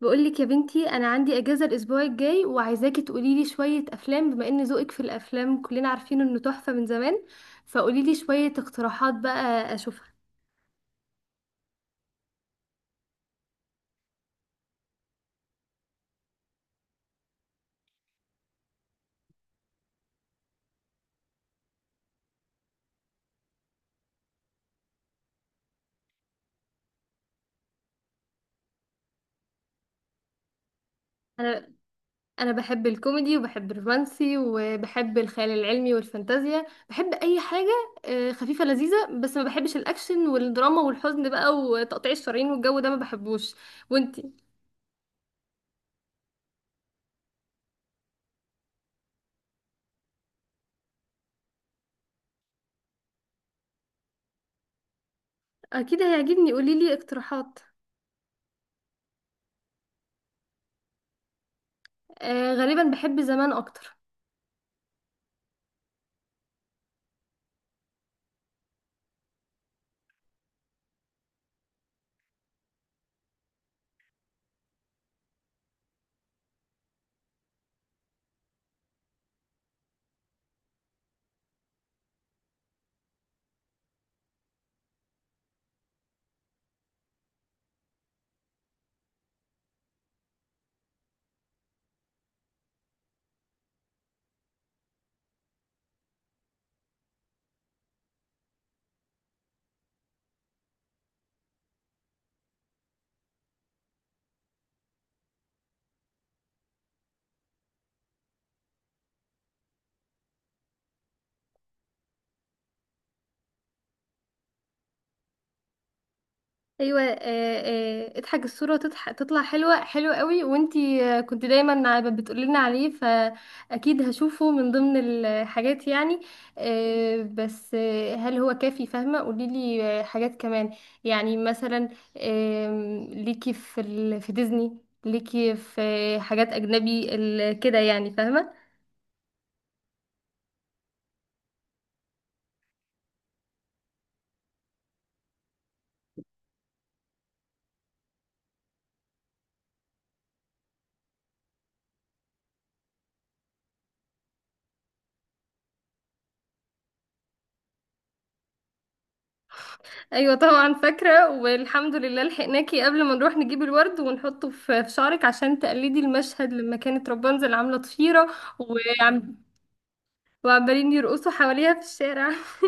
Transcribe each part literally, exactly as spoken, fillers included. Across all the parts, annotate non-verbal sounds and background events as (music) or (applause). بقولك يا بنتي، انا عندي اجازه الاسبوع الجاي وعايزاكي تقولي لي شويه افلام، بما ان ذوقك في الافلام كلنا عارفين انه تحفه من زمان. فقولي لي شويه اقتراحات بقى اشوفها. انا انا بحب الكوميدي وبحب الرومانسي وبحب الخيال العلمي والفانتازيا، بحب اي حاجه آه، خفيفه لذيذه. بس ما بحبش الاكشن والدراما والحزن بقى وتقطيع الشرايين والجو ده ما بحبوش. وانتي؟ اكيد هيعجبني، قولي لي اقتراحات. آه، غالبا بحب زمان اكتر. ايوه، آه، آه، اضحك الصوره تضح... تطلع حلوه، حلوه قوي. وانتي آه، كنت دايما عب- بتقولي لنا عليه، فاكيد هشوفه من ضمن الحاجات يعني. آه، بس آه، هل هو كافي؟ فاهمه، قولي لي آه، حاجات كمان. يعني مثلا، آم، ليكي في ال... في ديزني؟ ليكي في آه، حاجات اجنبي ال... كده، يعني فاهمه. ايوه طبعا فاكره، والحمد لله لحقناكي قبل ما نروح نجيب الورد ونحطه في في شعرك عشان تقلدي المشهد لما كانت رابنزل عامله طفيره. وعم... وعمالين يرقصوا حواليها في الشارع (laughs)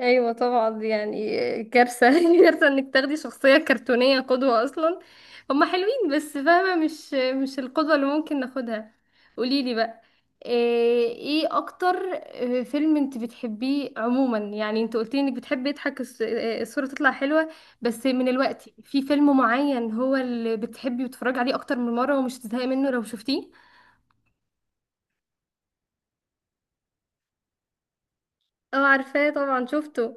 ايوه طبعا، دي يعني كارثه (laughs) كارثه انك تاخدي شخصيه كرتونيه قدوه اصلا. هما حلوين بس فاهمه، مش مش القدوه اللي ممكن ناخدها. قوليلي بقى، ايه إيه اكتر آه، فيلم انت بتحبيه عموما؟ يعني انت قلتي انك بتحبي يضحك الص- آه، الصوره تطلع حلوه، بس من الوقت في فيلم معين هو اللي بتحبي وتتفرجي عليه اكتر من مره ومش تزهقي منه لو شفتيه؟ اه عارفاه طبعا، شفته.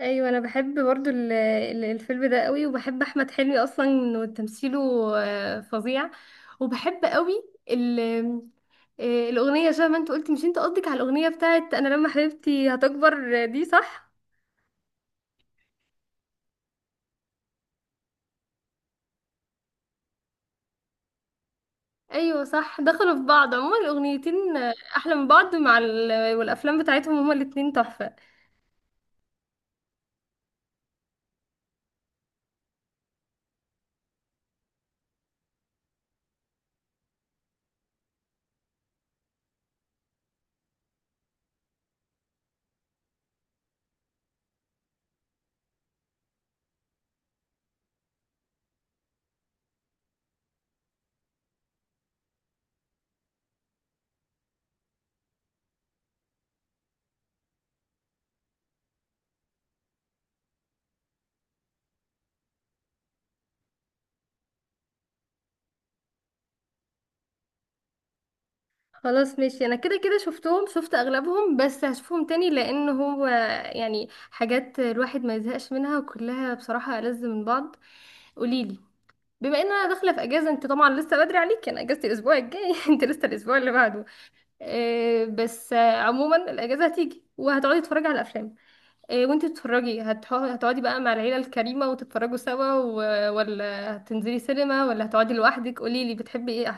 ايوه، انا بحب برضو ال- ال- الفيلم ده قوي، وبحب احمد حلمي اصلا، انه تمثيله آه، فظيع. وبحب قوي ال- آه، الاغنيه زي ما انت قلت. مش انت قصدك على الاغنيه بتاعت انا لما حبيبتي هتكبر دي، صح؟ ايوه صح، دخلوا في بعض عموما الاغنيتين آه، احلى من بعض، مع ال- والافلام بتاعتهم، هما الاتنين تحفه. خلاص ماشي، انا كده كده شفتهم، شفت اغلبهم بس هشوفهم تاني، لان هو يعني حاجات الواحد ما يزهقش منها، وكلها بصراحة ألذ من بعض. قوليلي، بما ان انا داخلة في اجازة، انت طبعا لسه بدري عليك، انا اجازتي الاسبوع الجاي (laughs) انت لسه الاسبوع اللي بعده. آه، بس آه، عموما الاجازة هتيجي وهتقعدي تتفرجي على الافلام. آه، وانت بتتفرجي، هتح- هتقعدي بقى مع العيلة الكريمة وتتفرجوا سوا، و- ولا هتنزلي سينما ولا هتقعدي لوحدك؟ قوليلي بتحبي ايه.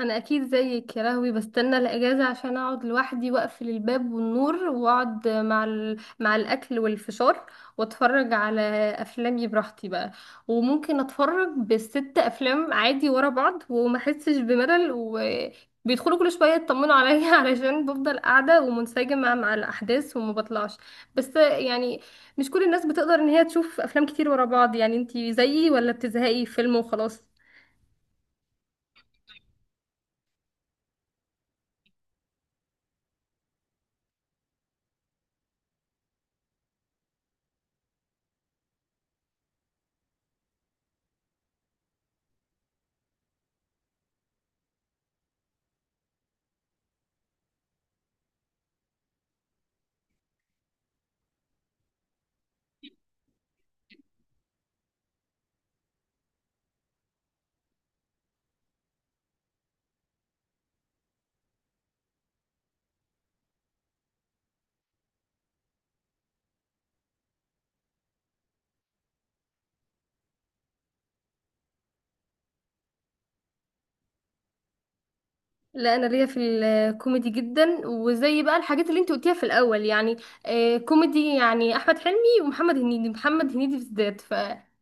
انا اكيد زيك يا لهوي، بستنى الاجازه عشان اقعد لوحدي واقفل الباب والنور واقعد مع ال... مع الاكل والفشار واتفرج على افلامي براحتي بقى. وممكن اتفرج بالست افلام عادي ورا بعض وما احسش بملل، وبيدخلوا كل شويه يطمنوا عليا (laughs) علشان بفضل قاعده ومنسجمه مع الاحداث وما بطلعش. بس يعني مش كل الناس بتقدر ان هي تشوف افلام كتير ورا بعض. يعني انتي زيي ولا بتزهقي فيلم وخلاص؟ لا انا ليا في الكوميدي جدا، وزي بقى الحاجات اللي انت قلتيها في الاول يعني. آه كوميدي، يعني احمد حلمي ومحمد هنيدي، محمد هنيدي بالذات. ف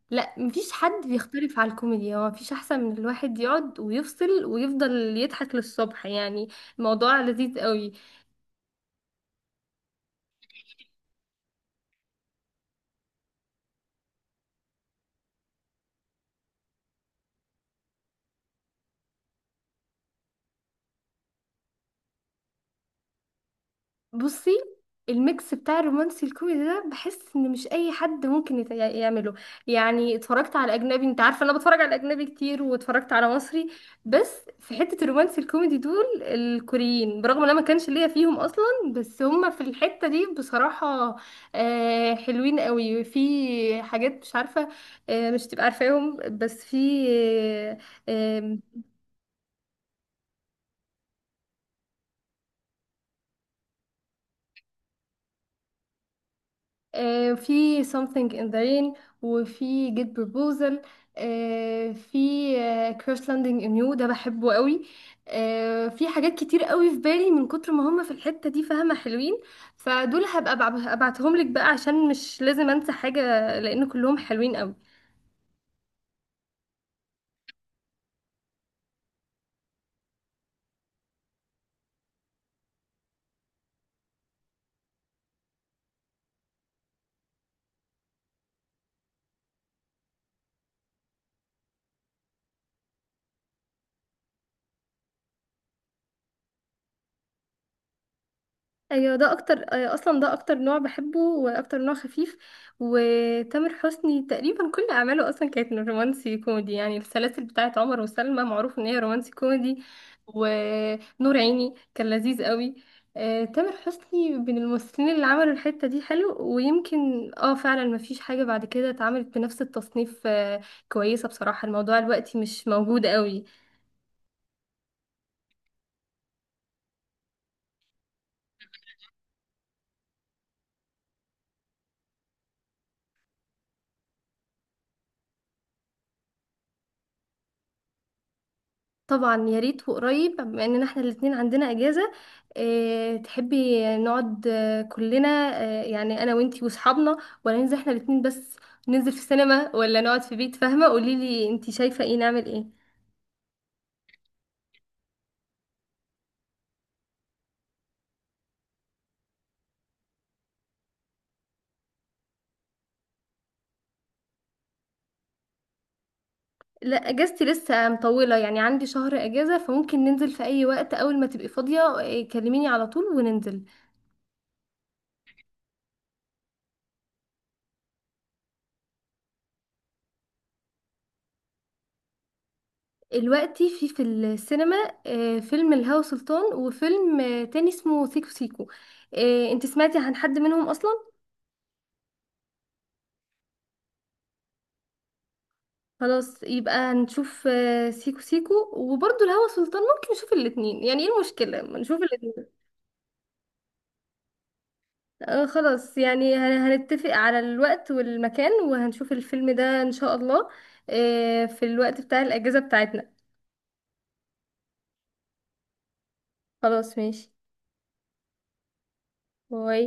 لا مفيش حد بيختلف على الكوميديا، هو مفيش احسن من الواحد يقعد ويفصل ويفضل يضحك للصبح يعني. الموضوع لذيذ قوي. بصي، الميكس بتاع الرومانسي الكوميدي ده بحس ان مش اي حد ممكن يت- يعمله. يعني اتفرجت على اجنبي، انت عارفه انا بتفرج على اجنبي كتير، واتفرجت على مصري. بس في حته الرومانسي الكوميدي دول الكوريين، برغم ان انا ما كانش ليا فيهم اصلا، بس هم في الحته دي بصراحه آه، حلوين قوي في حاجات. مش عارفه آه، مش تبقى عارفاهم، بس في آه، في something in the rain، وفي get proposal. آه، في آه، crash landing in you، ده بحبه قوي. آه، في حاجات كتير قوي في بالي من كتر ما هم في الحتة دي، فاهمة حلوين. فدول هبقى أبع- ابعتهم لك بقى، عشان مش لازم انسى حاجة، لان كلهم حلوين قوي. ايوه، ده اكتر آه، اصلا ده اكتر نوع بحبه واكتر نوع خفيف. وتامر حسني تقريبا كل اعماله اصلا كانت رومانسي كوميدي، يعني السلاسل بتاعت عمر وسلمى معروف ان هي رومانسي كوميدي، ونور عيني كان لذيذ قوي. آه، تامر حسني من الممثلين اللي عملوا الحتة دي حلو، ويمكن اه فعلا مفيش حاجة بعد كده اتعملت بنفس التصنيف آه، كويسة بصراحة. الموضوع دلوقتي مش موجود قوي. طبعا يا ريت، وقريب بما اننا احنا الاتنين عندنا اجازة. اه تحبي نقعد آه، كلنا، اه يعني انا وانتي واصحابنا، ولا ننزل احنا الاتنين بس؟ ننزل في السينما ولا نقعد في بيت فاهمة؟ قوليلي انتي شايفة ايه، نعمل ايه. لا اجازتي لسه مطولة، يعني عندي شهر اجازة، فممكن ننزل في اي وقت. اول ما تبقي فاضية آه، كلميني على طول وننزل. دلوقتي في في السينما آه، فيلم الهوى سلطان، وفيلم آه، تاني اسمه سيكو سيكو. آه، انتي سمعتي عن حد منهم اصلا؟ خلاص، يبقى هنشوف آه، سيكو سيكو، وبرضه الهوى سلطان ممكن نشوف الاتنين، يعني ايه المشكلة ما نشوف الاتنين. آه خلاص، يعني هن- هنتفق على الوقت والمكان وهنشوف الفيلم ده ان شاء الله آه في الوقت بتاع الاجازة بتاعتنا. خلاص ماشي، باي.